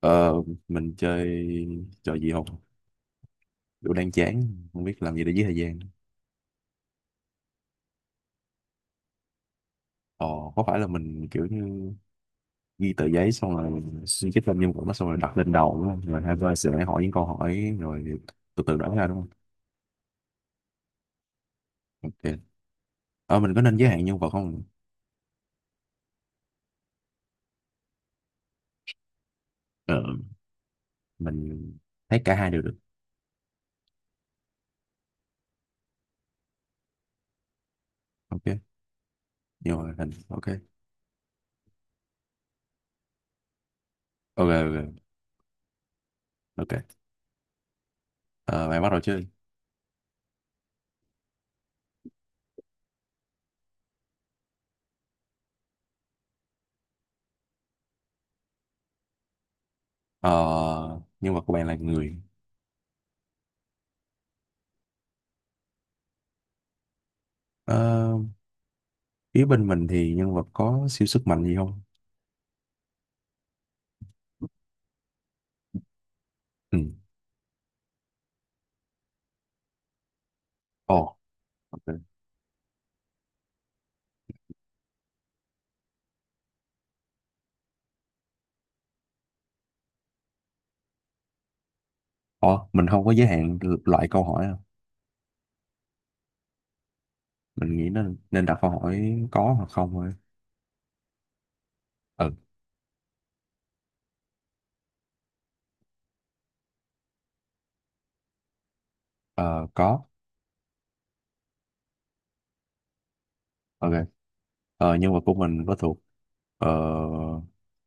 Ờ, mình chơi trò gì không? Kiểu đang chán, không biết làm gì để giết thời gian. Ờ, có phải là mình kiểu như ghi tờ giấy xong rồi mình suy nghĩ lên nhân vật đó xong rồi đặt lên đầu đúng không? Rồi hai bên sẽ hỏi những câu hỏi rồi từ từ đoán ra đúng không? Ok. Mình có nên giới hạn nhân vật không? Ờ, mình thấy cả hai đều được. Ok. Nhưng mà hình, ok. Ok, ok, ok. Ok. Ờ, bạn bắt đầu chơi. Ờ, nhân vật của bạn là người. Ờ, phía bên mình thì nhân vật có siêu sức mạnh gì không? Ừ. Ồ. Ok. Ủa, mình không có giới hạn loại câu hỏi à? Mình nghĩ nên nên đặt câu hỏi có hoặc không thôi. Ừ, ờ, có. Ok. Nhân vật của mình có thuộc ờ,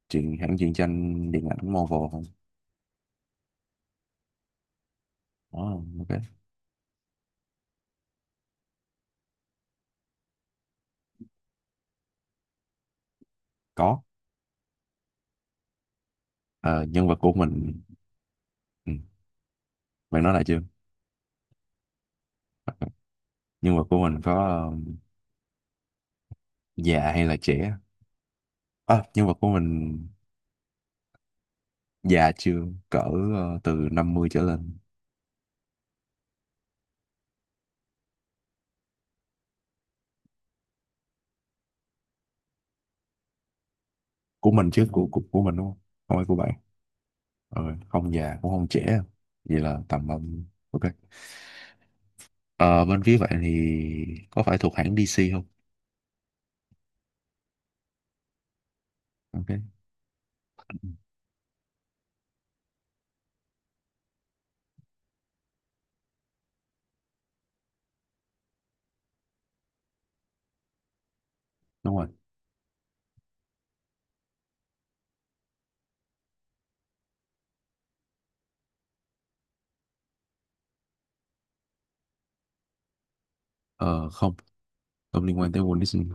truyện hãng truyện tranh điện ảnh Marvel không? Ồ, ok. Có. Ờ, nhân vật của mình ừ, bạn nói lại chưa? Nhân vật của mình có già hay là trẻ? À, nhân vật của mình già chưa? Cỡ từ 50 trở lên. Của mình chứ, của mình đúng không? Không phải của bạn. Ờ, không già cũng không trẻ. Vậy là tầm ok. Ờ, bên phía bạn thì có phải thuộc hãng DC không? Ok, ừ, đúng rồi. Ờ, không, không liên quan tới Walt Disney.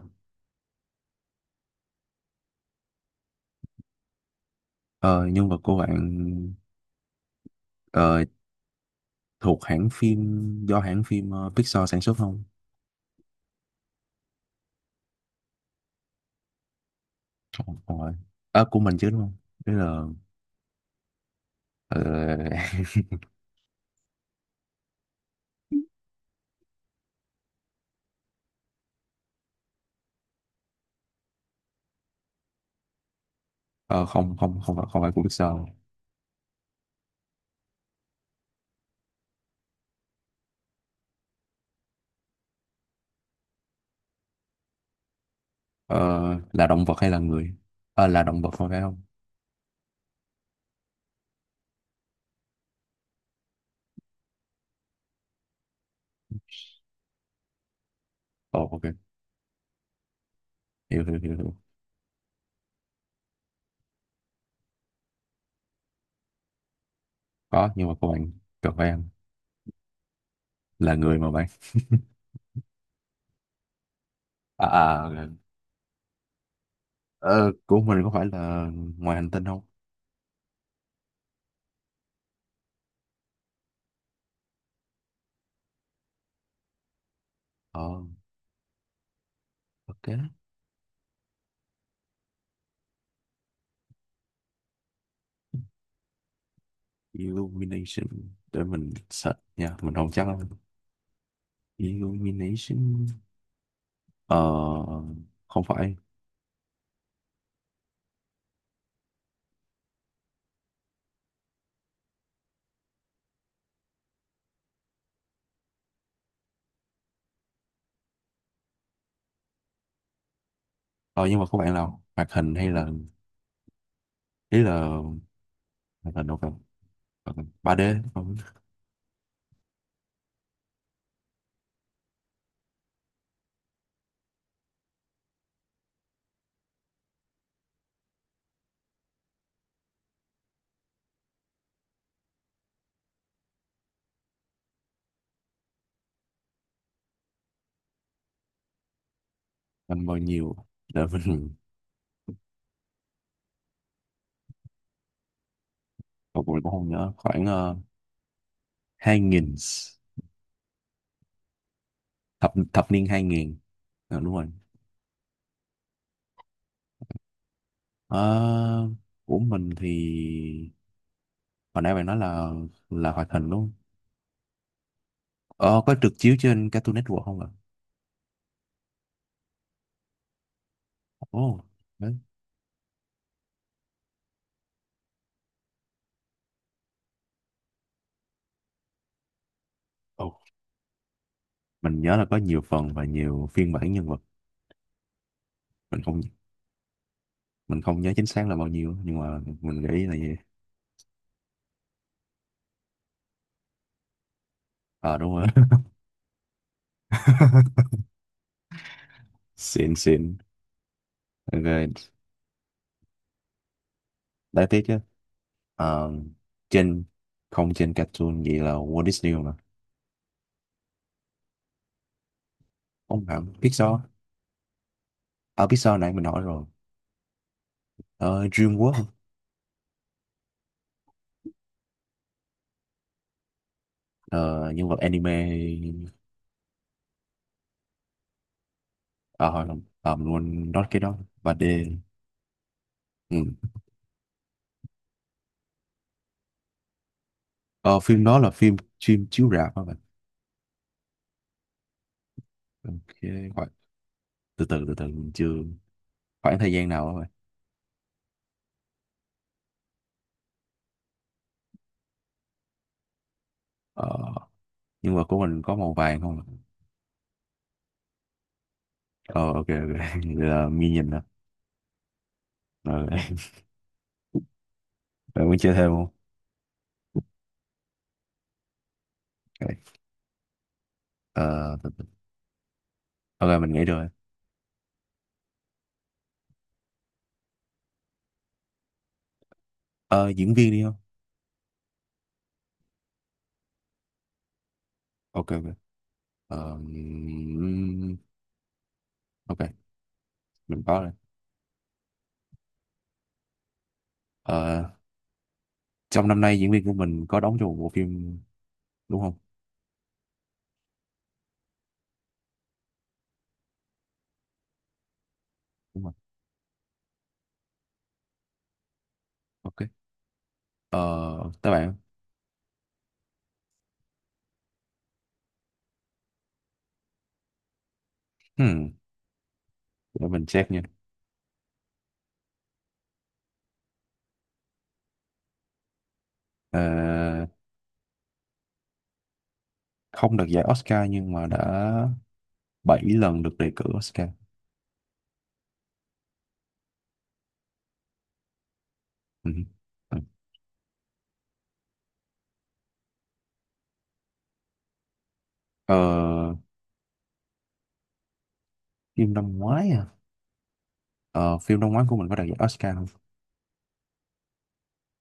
Ờ, nhân vật của bạn ờ, thuộc hãng phim do hãng phim Pixar sản xuất không? Không, không phải. À, của mình chứ đúng không? Tức là ờ, ờ, không không không phải của Pixar. Ờ, là động vật hay là người? Là động vật không phải không? Ồ, ok, hiểu, hiểu, hiểu, hiểu. Có, nhưng mà của bạn cần phải ăn là người mà bạn. À, à, ok. Ờ, của mình có phải là ngoài hành tinh không? Ờ, ok. Illumination. Để mình search nha. Mình không chắc lắm. Illumination. Ờ, không phải. Ờ, nhưng mà có bạn nào hoạt hình hay là. Ý là hoạt hình đâu cần. Hoạt hình 3D. Không. Anh bao nhiêu. Để mình. Một mình cũng không nhớ. Khoảng 2000. Thập niên 2000. Đúng rồi. Ờ, của mình thì. Hồi nãy bạn nói là hoạt hình đúng không? Ờ, có được chiếu trên Cartoon Network không ạ? Ồ, đấy. Mình nhớ là có nhiều phần và nhiều phiên bản nhân vật. mình không mình không nhớ chính xác là bao nhiêu nhưng mà mình nghĩ là gì. Ờ đúng rồi. Xịn xịn. Ok. Đáng tiếc chứ. Ờ, trên không trên Cartoon, vậy là Walt Disney mà. Không hẳn Pixar. À, Pixar nãy mình hỏi rồi. Ờ, DreamWorks. Ờ, nhân vật anime. Ờ hồi không ờ, mình quên nói cái đó và D. Ừ. ờ, Phim đó là phim. Phim chiếu rạp hả bạn? Ok. Khoảng, từ từ, mình chưa. Khoảng thời gian nào hả bạn? Ờ, nhưng mà của mình có màu vàng không? Ờ ok, ok. Vậy là nghi nhìn rồi. Rồi. Bạn muốn chơi thêm không? Ok. Từ. Ok, mình nghĩ rồi. Ờ Diễn viên đi không? Ok, ok. Ờ, ừm, ok. Mình có rồi. ờ Trong năm nay diễn viên của mình có đóng trong một bộ phim đúng không? Đúng rồi. Ok. ờ Tới bạn. Hmm. Để mình check nha. Ờ, không được giải Oscar nhưng mà đã 7 lần được đề cử Oscar. Ừ. Ừ. ờ Phim năm ngoái à? Ờ, phim Đông Ngoái của mình có đạt giải Oscar không?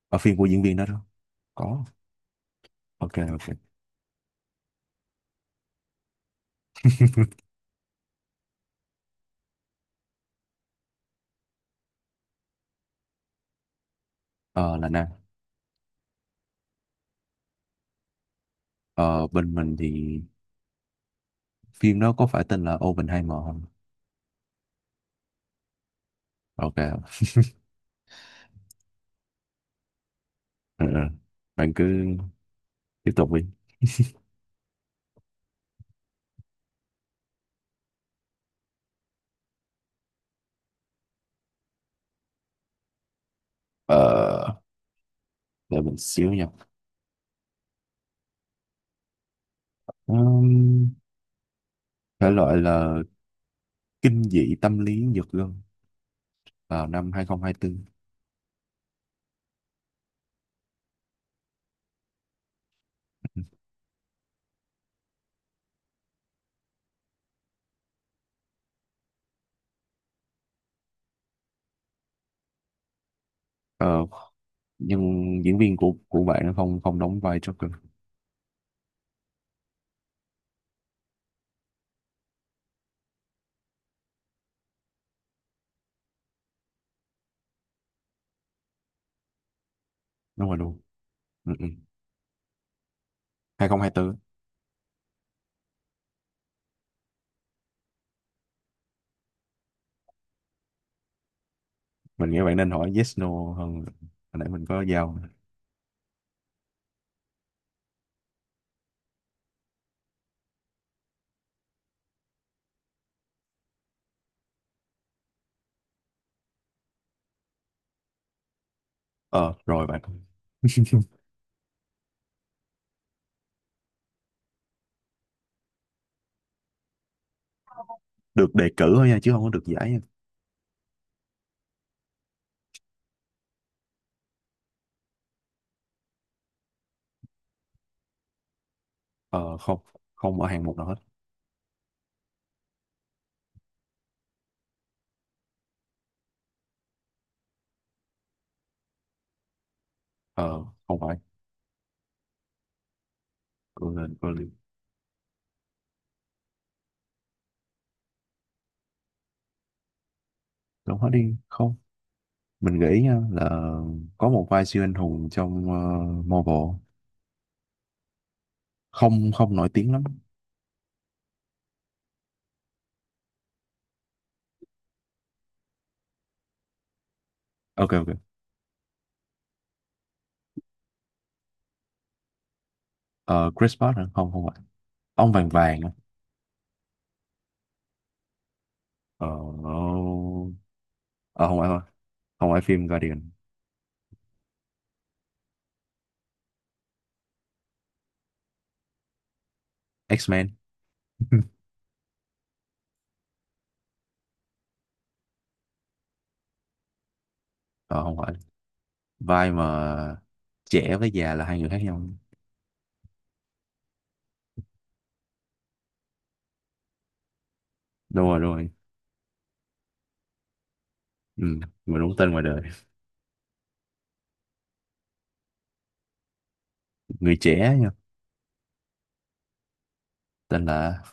Ở phim của diễn viên đó đó. Có. Ok, ok. Ờ, là nè. Ờ, bên mình thì phim đó có phải tên là Oppenheimer không? Ok. Ừ, ừ. Bạn cứ tiếp tục đi. Ờ, để mình xíu nha. Ừm, thể loại là kinh dị tâm lý giật gân vào năm 2024. Ờ, nhưng diễn viên của bạn nó không không đóng vai Joker. Đúng rồi luôn. Ừ, ừ. 2024. Mình nghĩ bạn nên hỏi yes no hơn. Hồi nãy mình có giao. Ờ, rồi bạn. Được đề cử thôi nha, chứ không có được giải nha. Ờ, không, không ở hạng mục nào hết. Ờ, không phải. Cô lên, cô lên. Đúng hết đi. Không. Mình nghĩ nha là có một vai siêu anh hùng trong Marvel. Không, không nổi tiếng lắm. Ok, ok. Ờ, Chris Pratt hả? Không, không phải. Ông vàng vàng hả? Ờ, ờ Không phải thôi. Không phải phim Guardian. X-Men. Ờ, không phải. Vai mà trẻ với già là hai người khác nhau. Đúng rồi, đúng rồi. Ừ, mà đúng tên ngoài đời. Người trẻ nha, tên là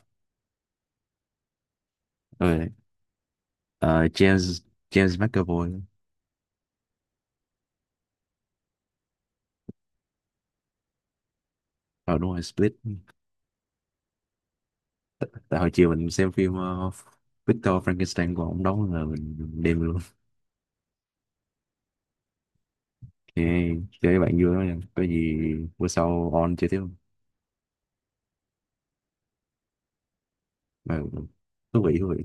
ờ, ờ, James James McAvoy. Ờ Đúng rồi, Split. Tại hồi chiều mình xem phim Victor Frankenstein của ông đóng là mình đêm luôn. Thì chơi với bạn vui lắm nha, có gì bữa sau on chơi tiếp không? Ờ, thú vị thú vị.